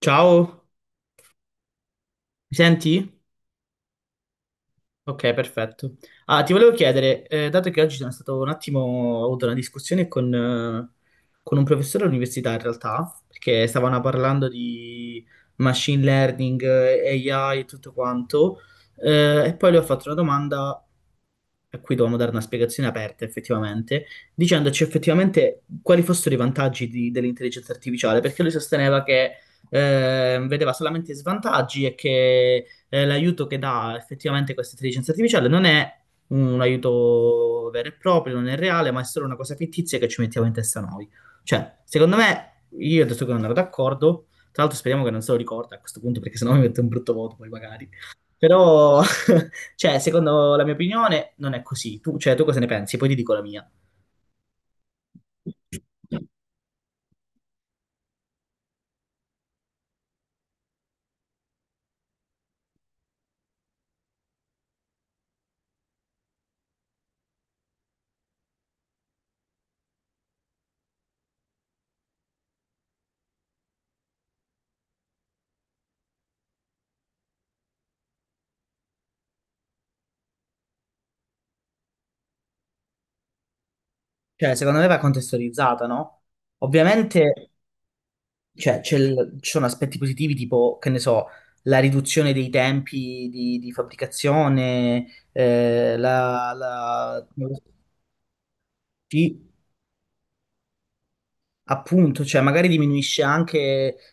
Ciao, mi senti? Ok, perfetto. Ah, ti volevo chiedere, dato che oggi sono stato un attimo, ho avuto una discussione con con un professore all'università in realtà, perché stavano parlando di machine learning, AI e tutto quanto, e poi le ho fatto una domanda a cui dovevamo dare una spiegazione aperta effettivamente, dicendoci effettivamente quali fossero i vantaggi dell'intelligenza artificiale, perché lui sosteneva che vedeva solamente svantaggi e che l'aiuto che dà effettivamente questa intelligenza artificiale non è un aiuto vero e proprio, non è reale, ma è solo una cosa fittizia che ci mettiamo in testa noi. Cioè, secondo me, io adesso che non ero d'accordo, tra l'altro speriamo che non se lo ricorda a questo punto, perché sennò mi mette un brutto voto poi magari. Però cioè, secondo la mia opinione, non è così. Tu, cioè, tu cosa ne pensi? Poi ti dico la mia. Cioè, secondo me va contestualizzata, no? Ovviamente, cioè, ci sono aspetti positivi tipo, che ne so, la riduzione dei tempi di fabbricazione, eh, la, la- sì, appunto, cioè magari diminuisce anche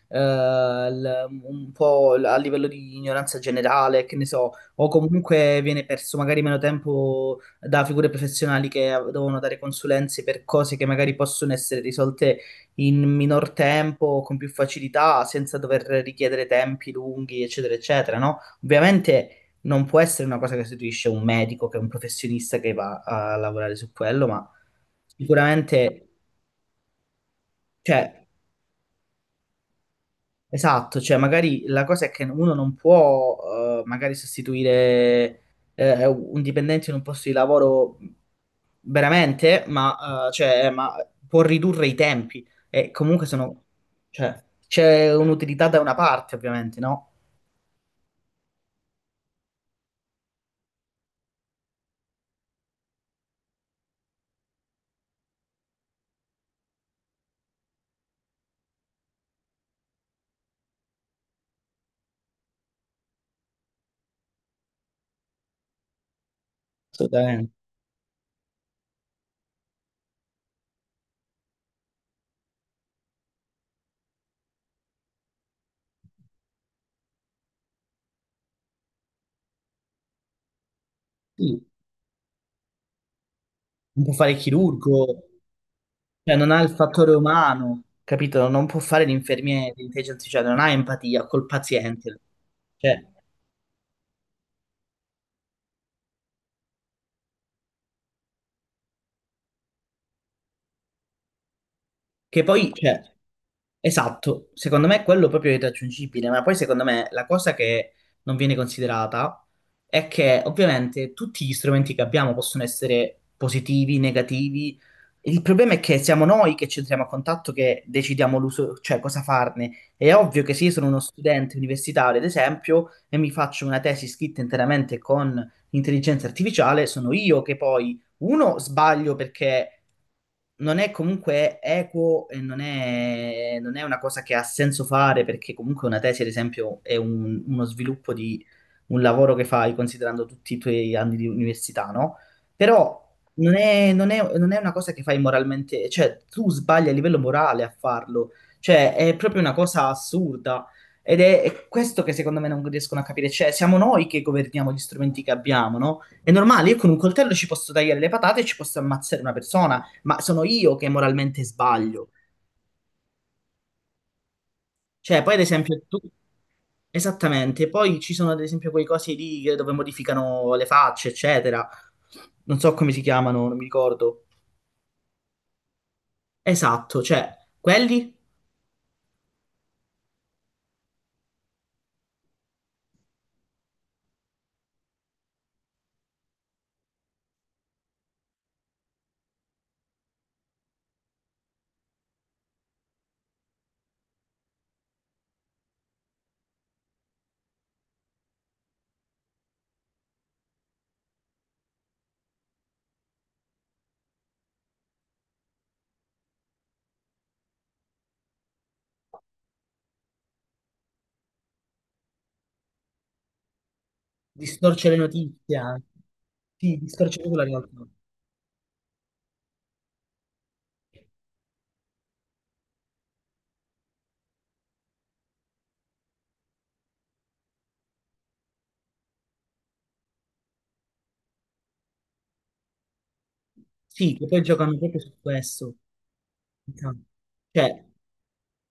un po' a livello di ignoranza generale, che ne so, o comunque viene perso magari meno tempo da figure professionali che devono dare consulenze per cose che magari possono essere risolte in minor tempo, con più facilità, senza dover richiedere tempi lunghi, eccetera, eccetera, no? Ovviamente non può essere una cosa che sostituisce un medico, che è un professionista che va a lavorare su quello, ma sicuramente... Cioè, esatto, cioè magari la cosa è che uno non può magari sostituire un dipendente in un posto di lavoro veramente, ma può ridurre i tempi e comunque sono, cioè, c'è un'utilità da una parte ovviamente, no? Assolutamente. Sì. Non può fare il chirurgo, cioè non ha il fattore umano, capito? Non può fare l'infermiere, l'intelligenza artificiale, non ha empatia col paziente. Cioè, che poi, cioè, esatto, secondo me quello proprio è irraggiungibile, ma poi secondo me la cosa che non viene considerata è che ovviamente tutti gli strumenti che abbiamo possono essere positivi, negativi, il problema è che siamo noi che ci entriamo a contatto che decidiamo l'uso, cioè cosa farne. È ovvio che se io sono uno studente universitario, ad esempio, e mi faccio una tesi scritta interamente con intelligenza artificiale, sono io che poi, uno, sbaglio perché non è comunque equo e non è una cosa che ha senso fare, perché comunque una tesi, ad esempio, è uno sviluppo di un lavoro che fai considerando tutti i tuoi anni di università, no? Però non è una cosa che fai moralmente, cioè tu sbagli a livello morale a farlo, cioè è proprio una cosa assurda ed è questo che secondo me non riescono a capire, cioè siamo noi che governiamo gli strumenti che abbiamo, no? È normale, io con un coltello ci posso tagliare le patate e ci posso ammazzare una persona, ma sono io che moralmente sbaglio, cioè poi ad esempio tu... Esattamente, poi ci sono ad esempio quei cosi lì dove modificano le facce, eccetera, non so come si chiamano, non mi ricordo. Esatto, cioè, quelli distorce le notizie anche. Sì, distorce proprio la realtà. Sì, che poi giocano proprio su questo. Diciamo. Cioè,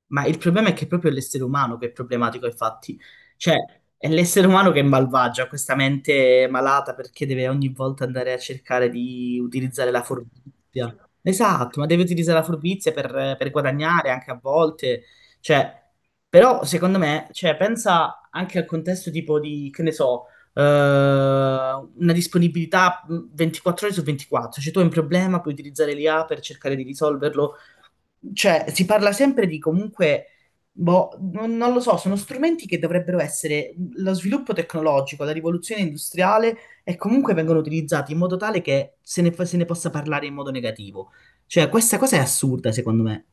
ma il problema è che è proprio l'essere umano che è problematico, infatti. Cioè, è l'essere umano che è malvagio, ha questa mente malata perché deve ogni volta andare a cercare di utilizzare la furbizia. Esatto, ma deve utilizzare la furbizia per guadagnare anche a volte. Cioè, però, secondo me, cioè, pensa anche al contesto tipo di, che ne so, una disponibilità 24 ore su 24. Cioè, tu hai un problema, puoi utilizzare l'IA per cercare di risolverlo, cioè, si parla sempre di comunque, boh, non lo so, sono strumenti che dovrebbero essere lo sviluppo tecnologico, la rivoluzione industriale e comunque vengono utilizzati in modo tale che se ne possa parlare in modo negativo. Cioè, questa cosa è assurda, secondo me.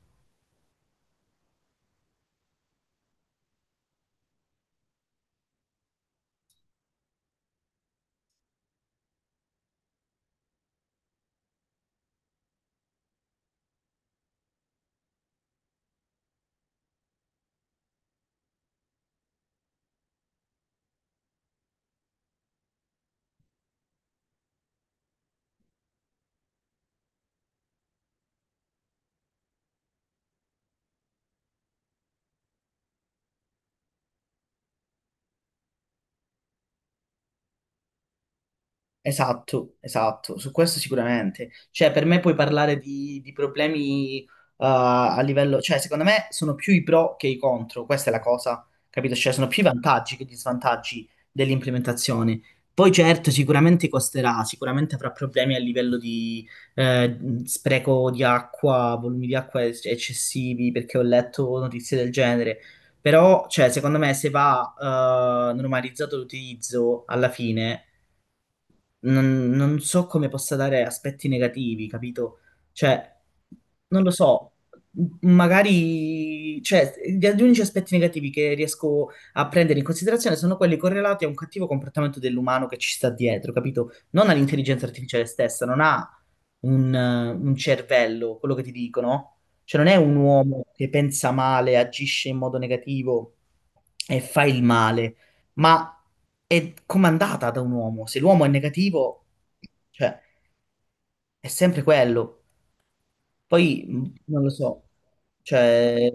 Esatto, esatto, su questo sicuramente. Cioè, per me puoi parlare di problemi a livello, cioè, secondo me sono più i pro che i contro, questa è la cosa, capito? Cioè, sono più i vantaggi che gli svantaggi dell'implementazione. Poi certo, sicuramente costerà, sicuramente avrà problemi a livello di eh, spreco di acqua, volumi di acqua eccessivi, perché ho letto notizie del genere. Però, cioè, secondo me se va normalizzato l'utilizzo alla fine non so come possa dare aspetti negativi, capito? Cioè, non lo so, magari, cioè, gli unici aspetti negativi che riesco a prendere in considerazione sono quelli correlati a un cattivo comportamento dell'umano che ci sta dietro, capito? Non all'intelligenza artificiale stessa, non ha un cervello, quello che ti dicono. Cioè, non è un uomo che pensa male, agisce in modo negativo e fa il male, ma è comandata da un uomo. Se l'uomo è negativo, cioè, è sempre quello. Poi non lo so, cioè,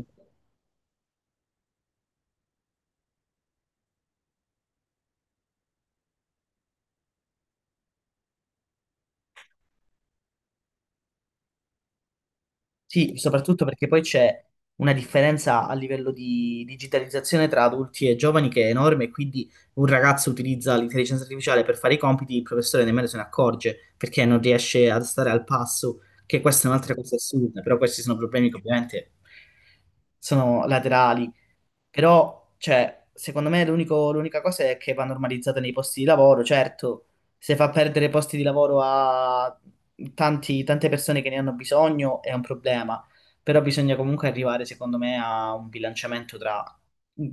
sì, soprattutto perché poi c'è una differenza a livello di digitalizzazione tra adulti e giovani che è enorme, e quindi un ragazzo utilizza l'intelligenza artificiale per fare i compiti, il professore nemmeno se ne accorge perché non riesce a stare al passo, che questa è un'altra cosa assurda, però questi sono problemi che ovviamente sono laterali. Però, cioè, secondo me l'unica cosa è che va normalizzata nei posti di lavoro, certo, se fa perdere posti di lavoro a tante persone che ne hanno bisogno è un problema, però bisogna comunque arrivare, secondo me, a un bilanciamento tra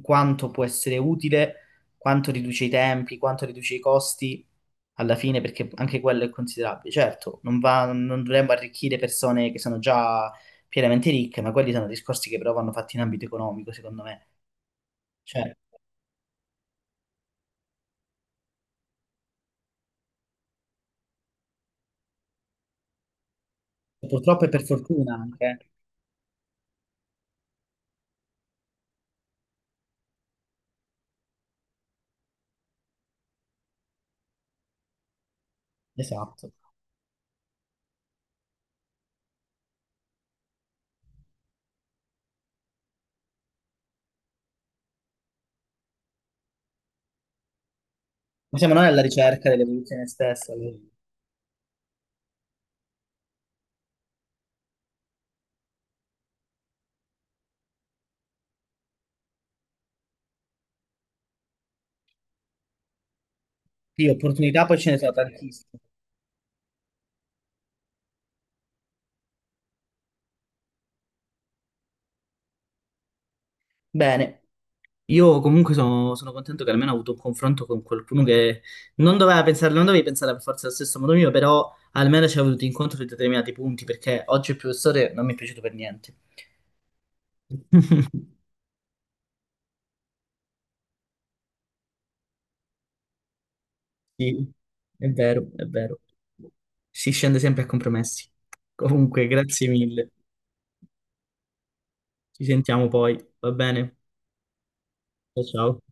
quanto può essere utile, quanto riduce i tempi, quanto riduce i costi, alla fine, perché anche quello è considerabile. Certo, non dovremmo arricchire persone che sono già pienamente ricche, ma quelli sono discorsi che però vanno fatti in ambito economico, secondo me. Cioè, purtroppo e per fortuna anche, esatto. Ma siamo noi alla ricerca dell'evoluzione stessa, quindi... Sì, opportunità poi ce ne sono tantissime. Bene, io comunque sono contento che almeno ho avuto un confronto con qualcuno che non doveva pensare, non dovevi pensare per forza allo stesso modo mio, però almeno ci è venuto incontro su determinati punti, perché oggi il professore non mi è piaciuto per niente. Sì, è vero. Si scende sempre a compromessi. Comunque, grazie mille. Ci sentiamo poi, va bene? Ciao, ciao.